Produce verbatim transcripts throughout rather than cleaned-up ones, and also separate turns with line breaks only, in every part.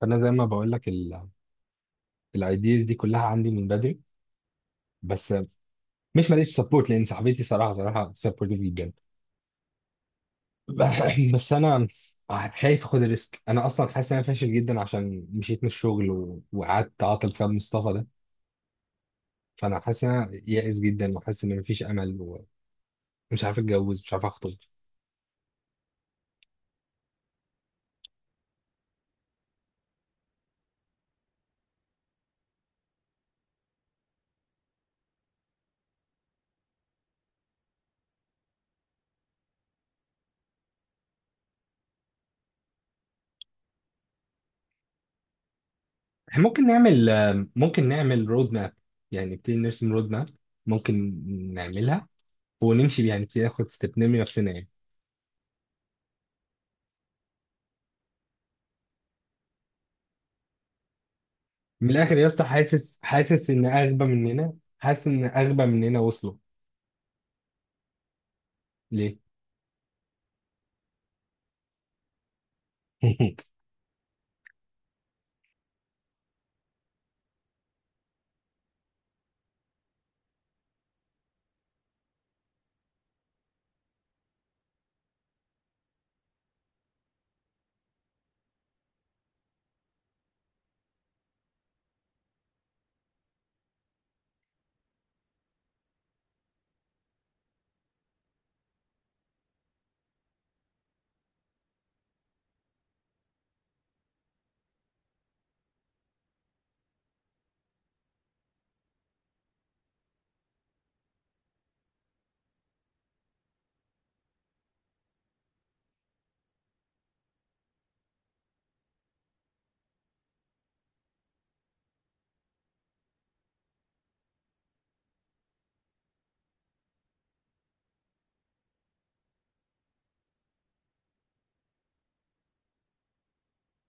فانا زي ما بقول لك الايديز دي كلها عندي من بدري، بس مش ماليش سبورت لان صاحبتي صراحه صراحه سبورتيف جدا. بس انا خايف اخد الريسك. انا اصلا حاسس ان انا فاشل جدا عشان مشيت من الشغل و- وقعدت عاطل بسبب مصطفى ده. فانا حاسس ان انا يائس جدا وحاسس ان مفيش امل ومش عارف اتجوز، مش عارف اخطب. إحنا ممكن نعمل، ممكن نعمل رود ماب، يعني نبتدي نرسم رود ماب، ممكن نعملها ونمشي بيها، يعني نبتدي ناخد ستيب نرمي نفسنا يعني. من الاخر يا اسطى، حاسس حاسس ان اغبى مننا، حاسس ان اغبى مننا وصلوا. ليه؟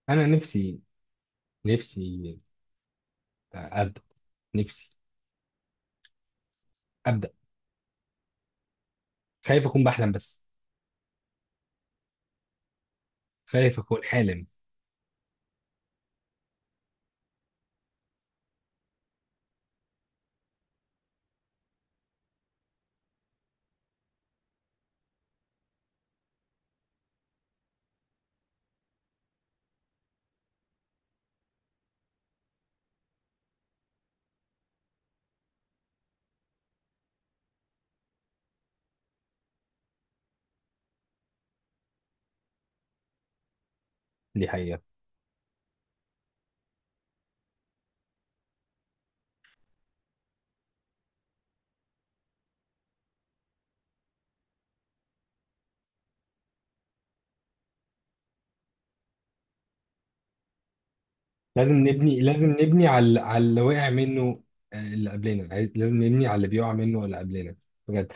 انا نفسي، نفسي ابدا، نفسي ابدا. خايف اكون بحلم بس، خايف اكون حالم. دي حقيقة. لازم نبني، لازم نبني على على اللي وقع منه. آه، اللي قبلنا عايز- لازم نبني على اللي بيقع منه اللي قبلنا. بجد.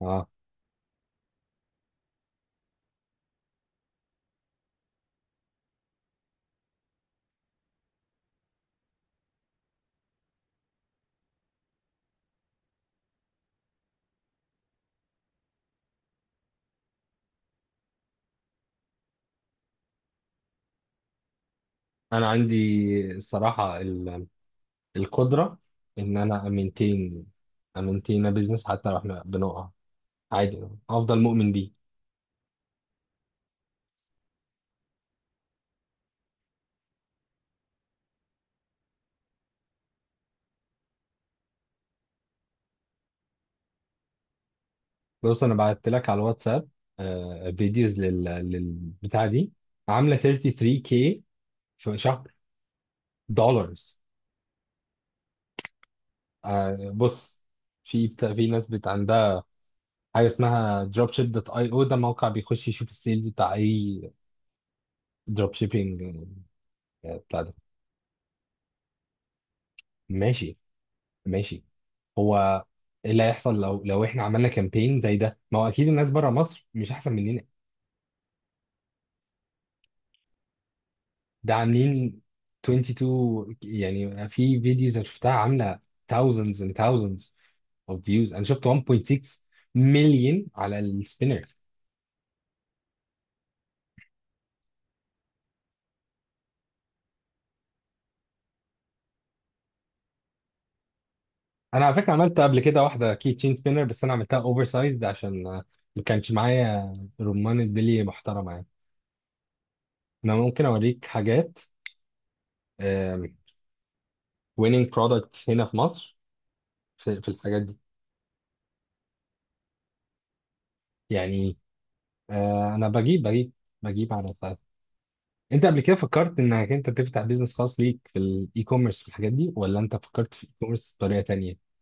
اه، انا عندي، الصراحة ال- القدرة ان انا امنتين، امنتين بيزنس. حتى لو احنا بنقع عادي افضل مؤمن بيه. بص، انا بعت لك على الواتساب آه، فيديوز لل للبتاع دي، عامله ثلاثة وتلاتين كيه في شهر، دولارز. آه، بص، في بتا- في ناس بت عندها حاجه اسمها دروب شيب دوت اي او. ده موقع بيخش يشوف السيلز بتاع اي دروب شيبينج بتاع ده. ماشي، ماشي. هو ايه اللي هيحصل لو لو احنا عملنا كامبين زي ده؟ ما هو اكيد الناس بره مصر مش احسن مننا. ده عاملين اتنين وعشرين، يعني في فيديوز انا شفتها عامله thousands and thousands of views. انا شفت واحد فاصلة ستة مليون على السبينر. انا على فكره عملت قبل كده واحده كي تشين سبينر، بس انا عملتها اوفر سايزد عشان آه، ما كانش معايا رمان بلي محترمه يعني. انا ممكن اوريك حاجات ويننج برودكتس هنا في مصر في، في الحاجات دي يعني. آه، انا بجيب بجيب بجيب على، انت قبل كده فكرت انك انت تفتح بيزنس خاص ليك في الاي كوميرس في الحاجات دي، ولا انت فكرت في الاي كوميرس بطريقه تانية؟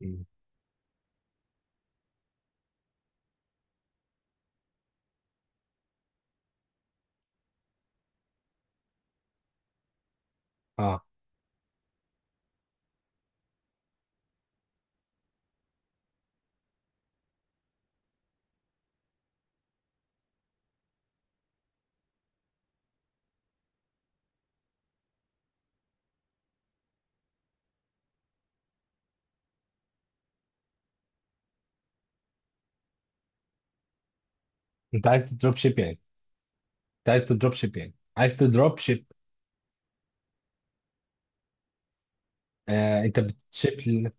مم. اه. انت عايز تدروب شيب يعني، انت عايز تدروب شيب يعني، عايز تدروب شيب. آه، انت بتشيب ل...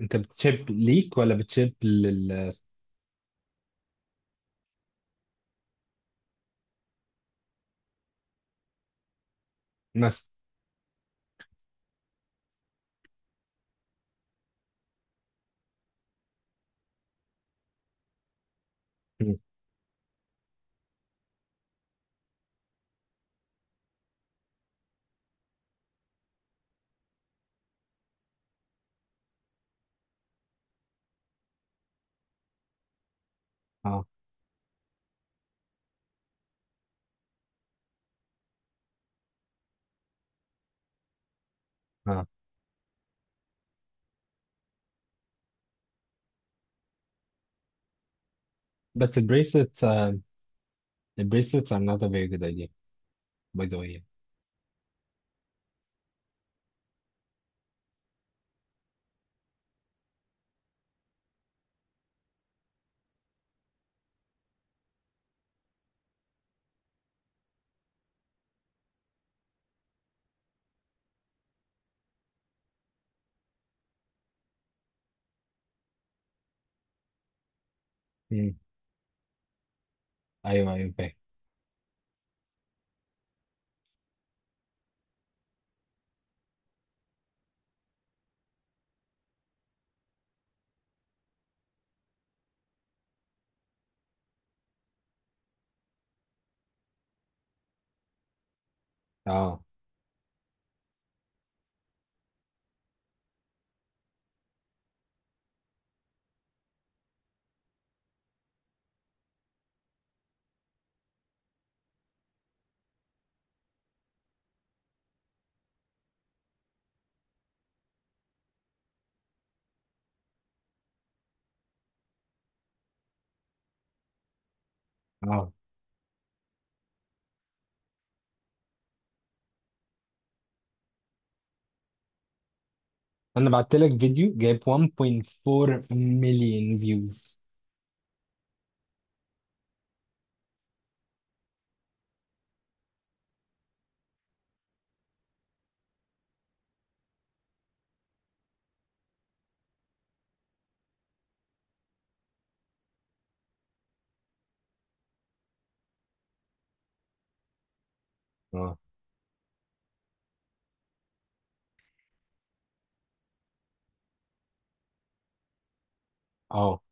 انت بتشيب ليك ولا بتشيب لل؟ مثلا. مم. اه. اه. بس البريسلتس، البريسلتس are not a very good idea by the way يعني. مم. ايوه ايوه فاهم. اه. اه. انا بعت لك فيديو جايب واحد فاصلة اربعة مليون فيوز. اه. اه.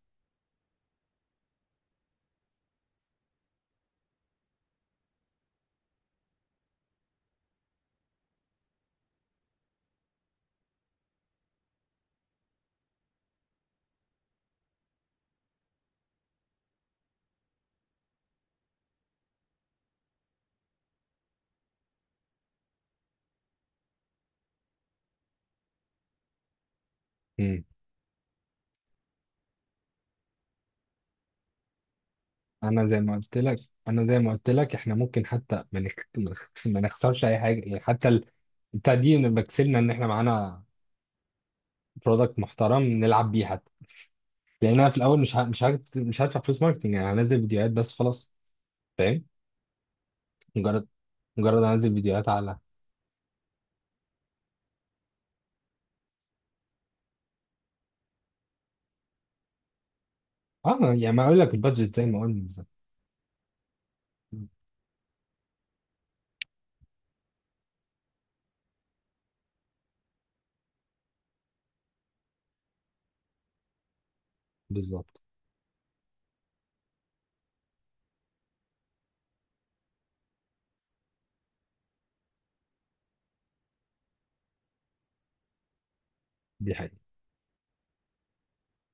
انا زي ما قلت لك، انا زي ما قلت لك احنا ممكن حتى ما نخ- ما نخ- ما نخسرش اي حاجه يعني، حتى ال- بتاع دي نبقى كسبنا ان احنا معانا برودكت محترم نلعب بيه حتى. لان انا في الاول مش ه... مش ه... مش هدفع فلوس ماركتنج يعني، هنزل فيديوهات بس خلاص. فاهم؟ مجرد، مجرد انزل فيديوهات على. اه يعني ما اقول لك البادجت زي ما قلنا بالظبط. بالظبط. دي حقيقة.